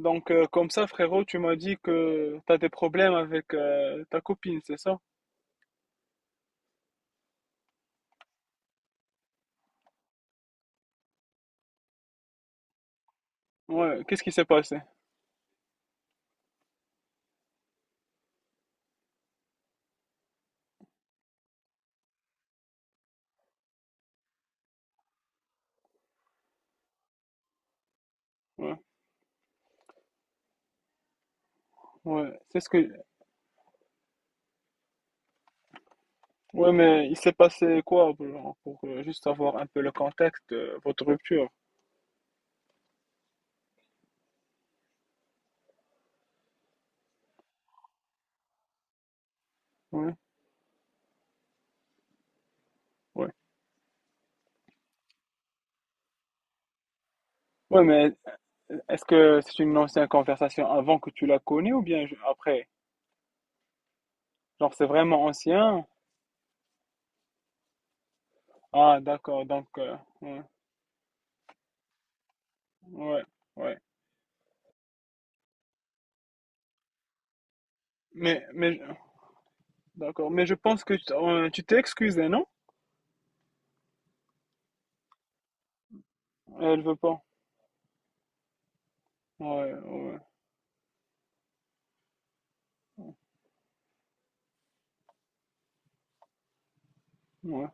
Donc, comme ça, frérot, tu m'as dit que t'as des problèmes avec ta copine, c'est ça? Ouais, qu'est-ce qui s'est passé? Ouais, ouais, c'est ce que... Ouais, mais il s'est passé quoi, genre, pour juste avoir un peu le contexte de votre rupture? Ouais, ouais. Ouais, mais est-ce que c'est une ancienne conversation avant que tu la connais ou bien après? Genre, c'est vraiment ancien? Ah, d'accord, donc... ouais, ouais, ouais. Mais, mais... D'accord, mais je pense que tu tu t'es excusé, non? Elle veut pas. Ouais, ouais. Ouais.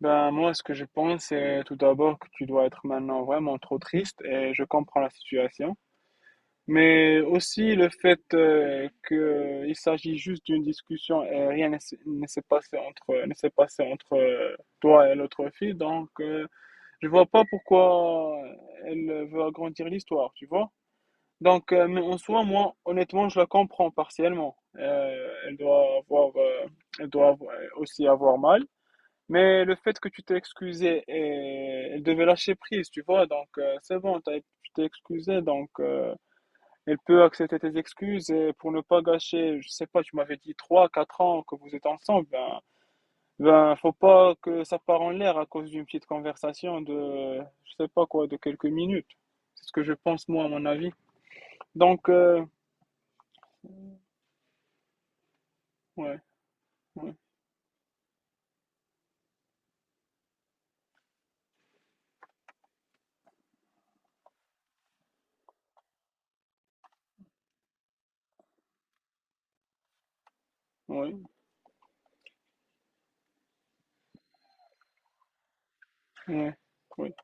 Ben, moi, ce que je pense, c'est tout d'abord que tu dois être maintenant vraiment trop triste et je comprends la situation. Mais aussi le fait que il s'agit juste d'une discussion et rien ne s'est passé entre toi et l'autre fille. Donc, je vois pas pourquoi elle veut agrandir l'histoire, tu vois. Donc, mais en soi, moi, honnêtement, je la comprends partiellement. Elle doit avoir, aussi avoir mal. Mais le fait que tu t'es excusé, et elle devait lâcher prise, tu vois, donc c'est bon, tu t'es excusé, donc elle peut accepter tes excuses et pour ne pas gâcher, je sais pas, tu m'avais dit 3 4 ans que vous êtes ensemble, ben, ben faut pas que ça part en l'air à cause d'une petite conversation de, je sais pas quoi, de quelques minutes. C'est ce que je pense, moi, à mon avis. Donc, ouais, ouais, ouais, ouais, ouais.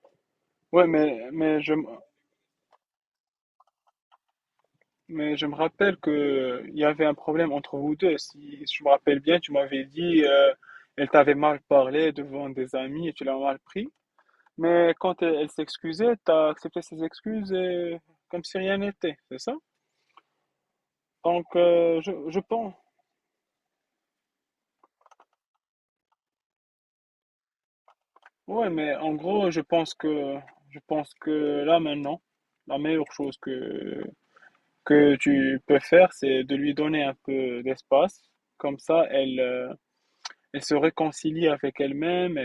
Ouais, mais je me rappelle que il y avait un problème entre vous deux. Si je me rappelle bien, tu m'avais dit, elle t'avait mal parlé devant des amis et tu l'as mal pris. Mais quand elle, elle s'excusait, t'as accepté ses excuses et comme si rien n'était, c'est ça? Donc, je pense, ouais, mais en gros, je pense que là maintenant, la meilleure chose que tu peux faire, c'est de lui donner un peu d'espace. Comme ça, elle, elle se réconcilie avec elle-même.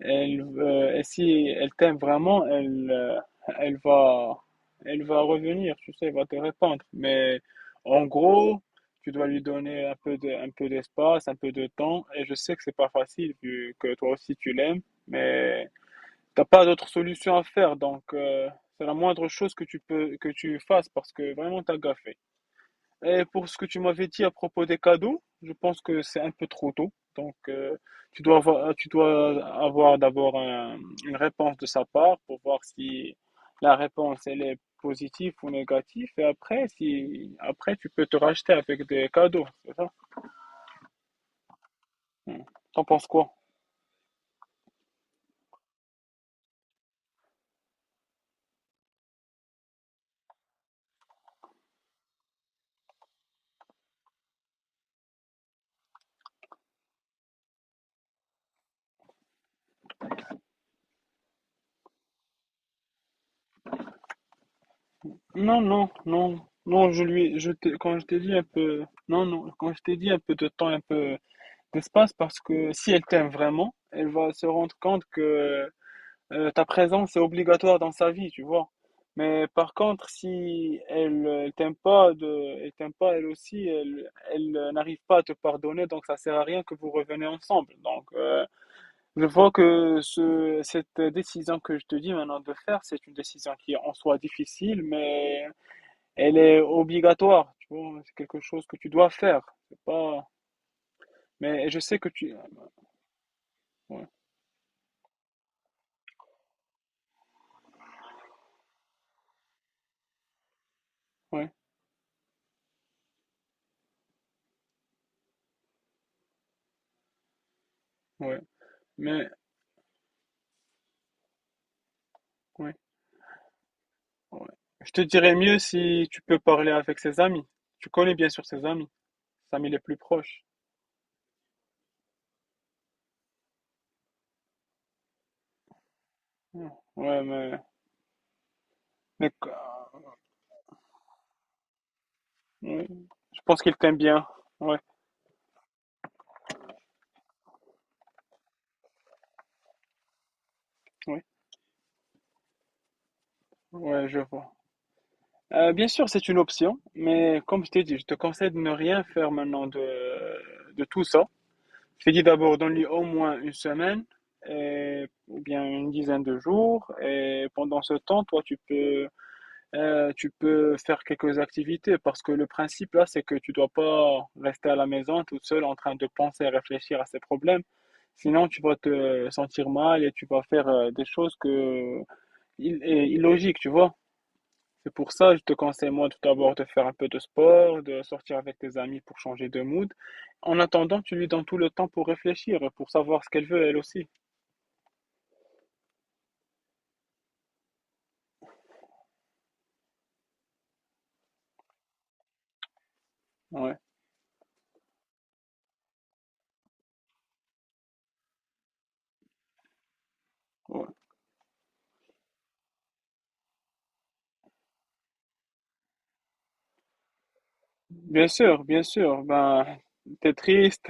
Elle, et si elle t'aime vraiment, elle, elle va, elle va revenir, tu sais, elle va te répondre. Mais en gros, tu dois lui donner un peu d'espace, un peu de temps. Et je sais que c'est pas facile vu que toi aussi tu l'aimes, mais t'as pas d'autre solution à faire. Donc, c'est la moindre chose que que tu fasses parce que vraiment t'as gaffé. Et pour ce que tu m'avais dit à propos des cadeaux, je pense que c'est un peu trop tôt. Donc, tu dois avoir d'abord une réponse de sa part pour voir si la réponse elle est positive ou négative. Et après, si après tu peux te racheter avec des cadeaux, c'est ça? Hmm. T'en penses quoi? Non, non, non, non. Je lui, je t'ai- quand je t'ai dit un peu, non, non, quand je t'ai dit un peu de temps, un peu d'espace, parce que si elle t'aime vraiment, elle va se rendre compte que ta présence est obligatoire dans sa vie, tu vois. Mais par contre, si elle, elle t'aime pas, de, elle t'aime pas elle aussi, n'arrive pas à te pardonner, donc ça sert à rien que vous reveniez ensemble. Donc, je vois que cette décision que je te dis maintenant de faire, c'est une décision qui est en soi difficile, mais elle est obligatoire, tu vois. C'est quelque chose que tu dois faire. C'est pas, mais je sais que tu, ouais, ouais, ouais, mais, ouais. Ouais. Je te dirais mieux si tu peux parler avec ses amis. Tu connais bien sûr ses amis les plus proches. Ouais, ouais, mais, mais qu- ouais, je pense qu'il t'aime bien. Ouais, ouais, ouais, je vois. Bien sûr, c'est une option, mais comme je t'ai dit, je te conseille de ne rien faire maintenant de tout ça. Je t'ai dit d'abord, donne-lui au moins une semaine, et- ou bien une dizaine de jours, et pendant ce temps, toi, tu peux faire quelques activités parce que le principe là, c'est que tu dois pas rester à la maison toute seule en train de penser et réfléchir à ces problèmes. Sinon, tu vas te sentir mal et tu vas faire des choses que il est illogique, tu vois. C'est pour ça, je te conseille moi tout d'abord de faire un peu de sport, de sortir avec tes amis pour changer de mood. En attendant, tu lui donnes tout le temps pour réfléchir, pour savoir ce qu'elle veut elle aussi. Ouais. Ouais. Bien sûr, bien sûr. Ben, t'es triste.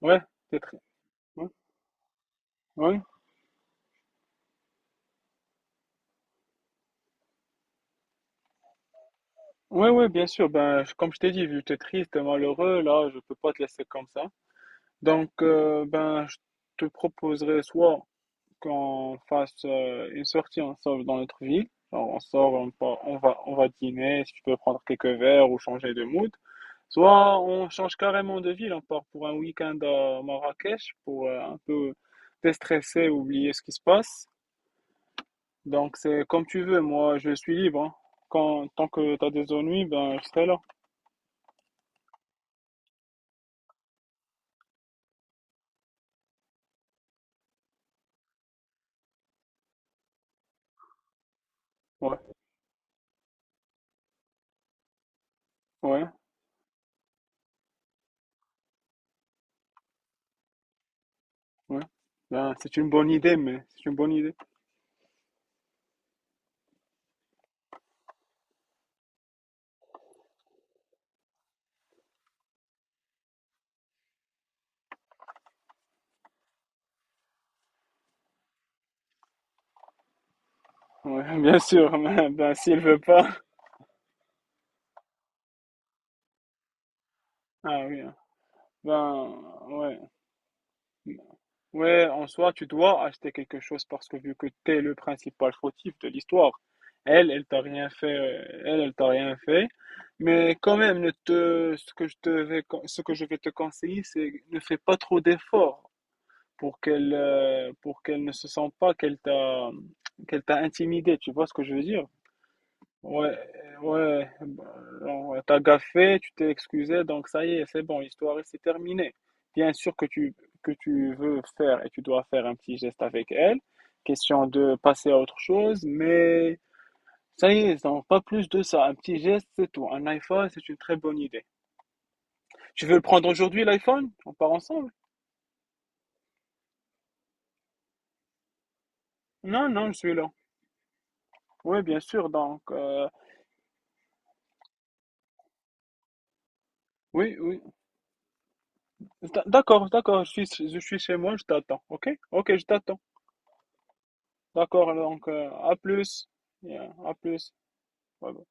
Ouais, t'es triste. Ouais. Ouais. Oui, oui, bien sûr. Ben, je- comme je t'ai dit, vu que tu es triste, malheureux, là, je peux pas te laisser comme ça. Donc, ben, je te proposerais soit qu'on fasse une sortie ensemble dans notre ville. Genre, on va dîner, si tu peux prendre quelques verres ou changer de mood. Soit on change carrément de ville, on part pour un week-end à Marrakech pour un peu déstresser, oublier ce qui se passe. Donc, c'est comme tu veux. Moi, je suis libre, hein. Quand, tant que tu as des ennuis, ben, je serai là. Ouais. Ouais. Ouais. Ben, c'est une bonne idée, mais c'est une bonne idée. Ouais, bien sûr. Ben, ben, s'il veut pas. Ah oui, hein. Ben, ouais. Ouais, en soi, tu dois acheter quelque chose parce que vu que t'es le principal fautif de l'histoire, elle, elle t'a rien fait, elle, elle t'a rien fait. Mais quand même, ne te, ce que je vais te conseiller, c'est ne fais pas trop d'efforts pour qu'elle ne se sente pas qu'elle t'a intimidé. Tu vois ce que je veux dire? Ouais, ouais, bah, genre, t'as gaffé, tu t'es excusé, donc ça y est, c'est bon, l'histoire c'est terminée. Bien sûr que tu veux faire et tu dois faire un petit geste avec elle, question de passer à autre chose, mais ça y est, donc pas plus de ça. Un petit geste, c'est tout. Un iPhone, c'est une très bonne idée. Tu veux le prendre aujourd'hui, l'iPhone? On part ensemble? Non, non, je suis là. Oui, bien sûr, donc, oui, oui. D'accord, d'accord, je suis chez moi, je t'attends, ok? Ok, je t'attends. D'accord, donc à plus. Yeah, à plus. Bye bye.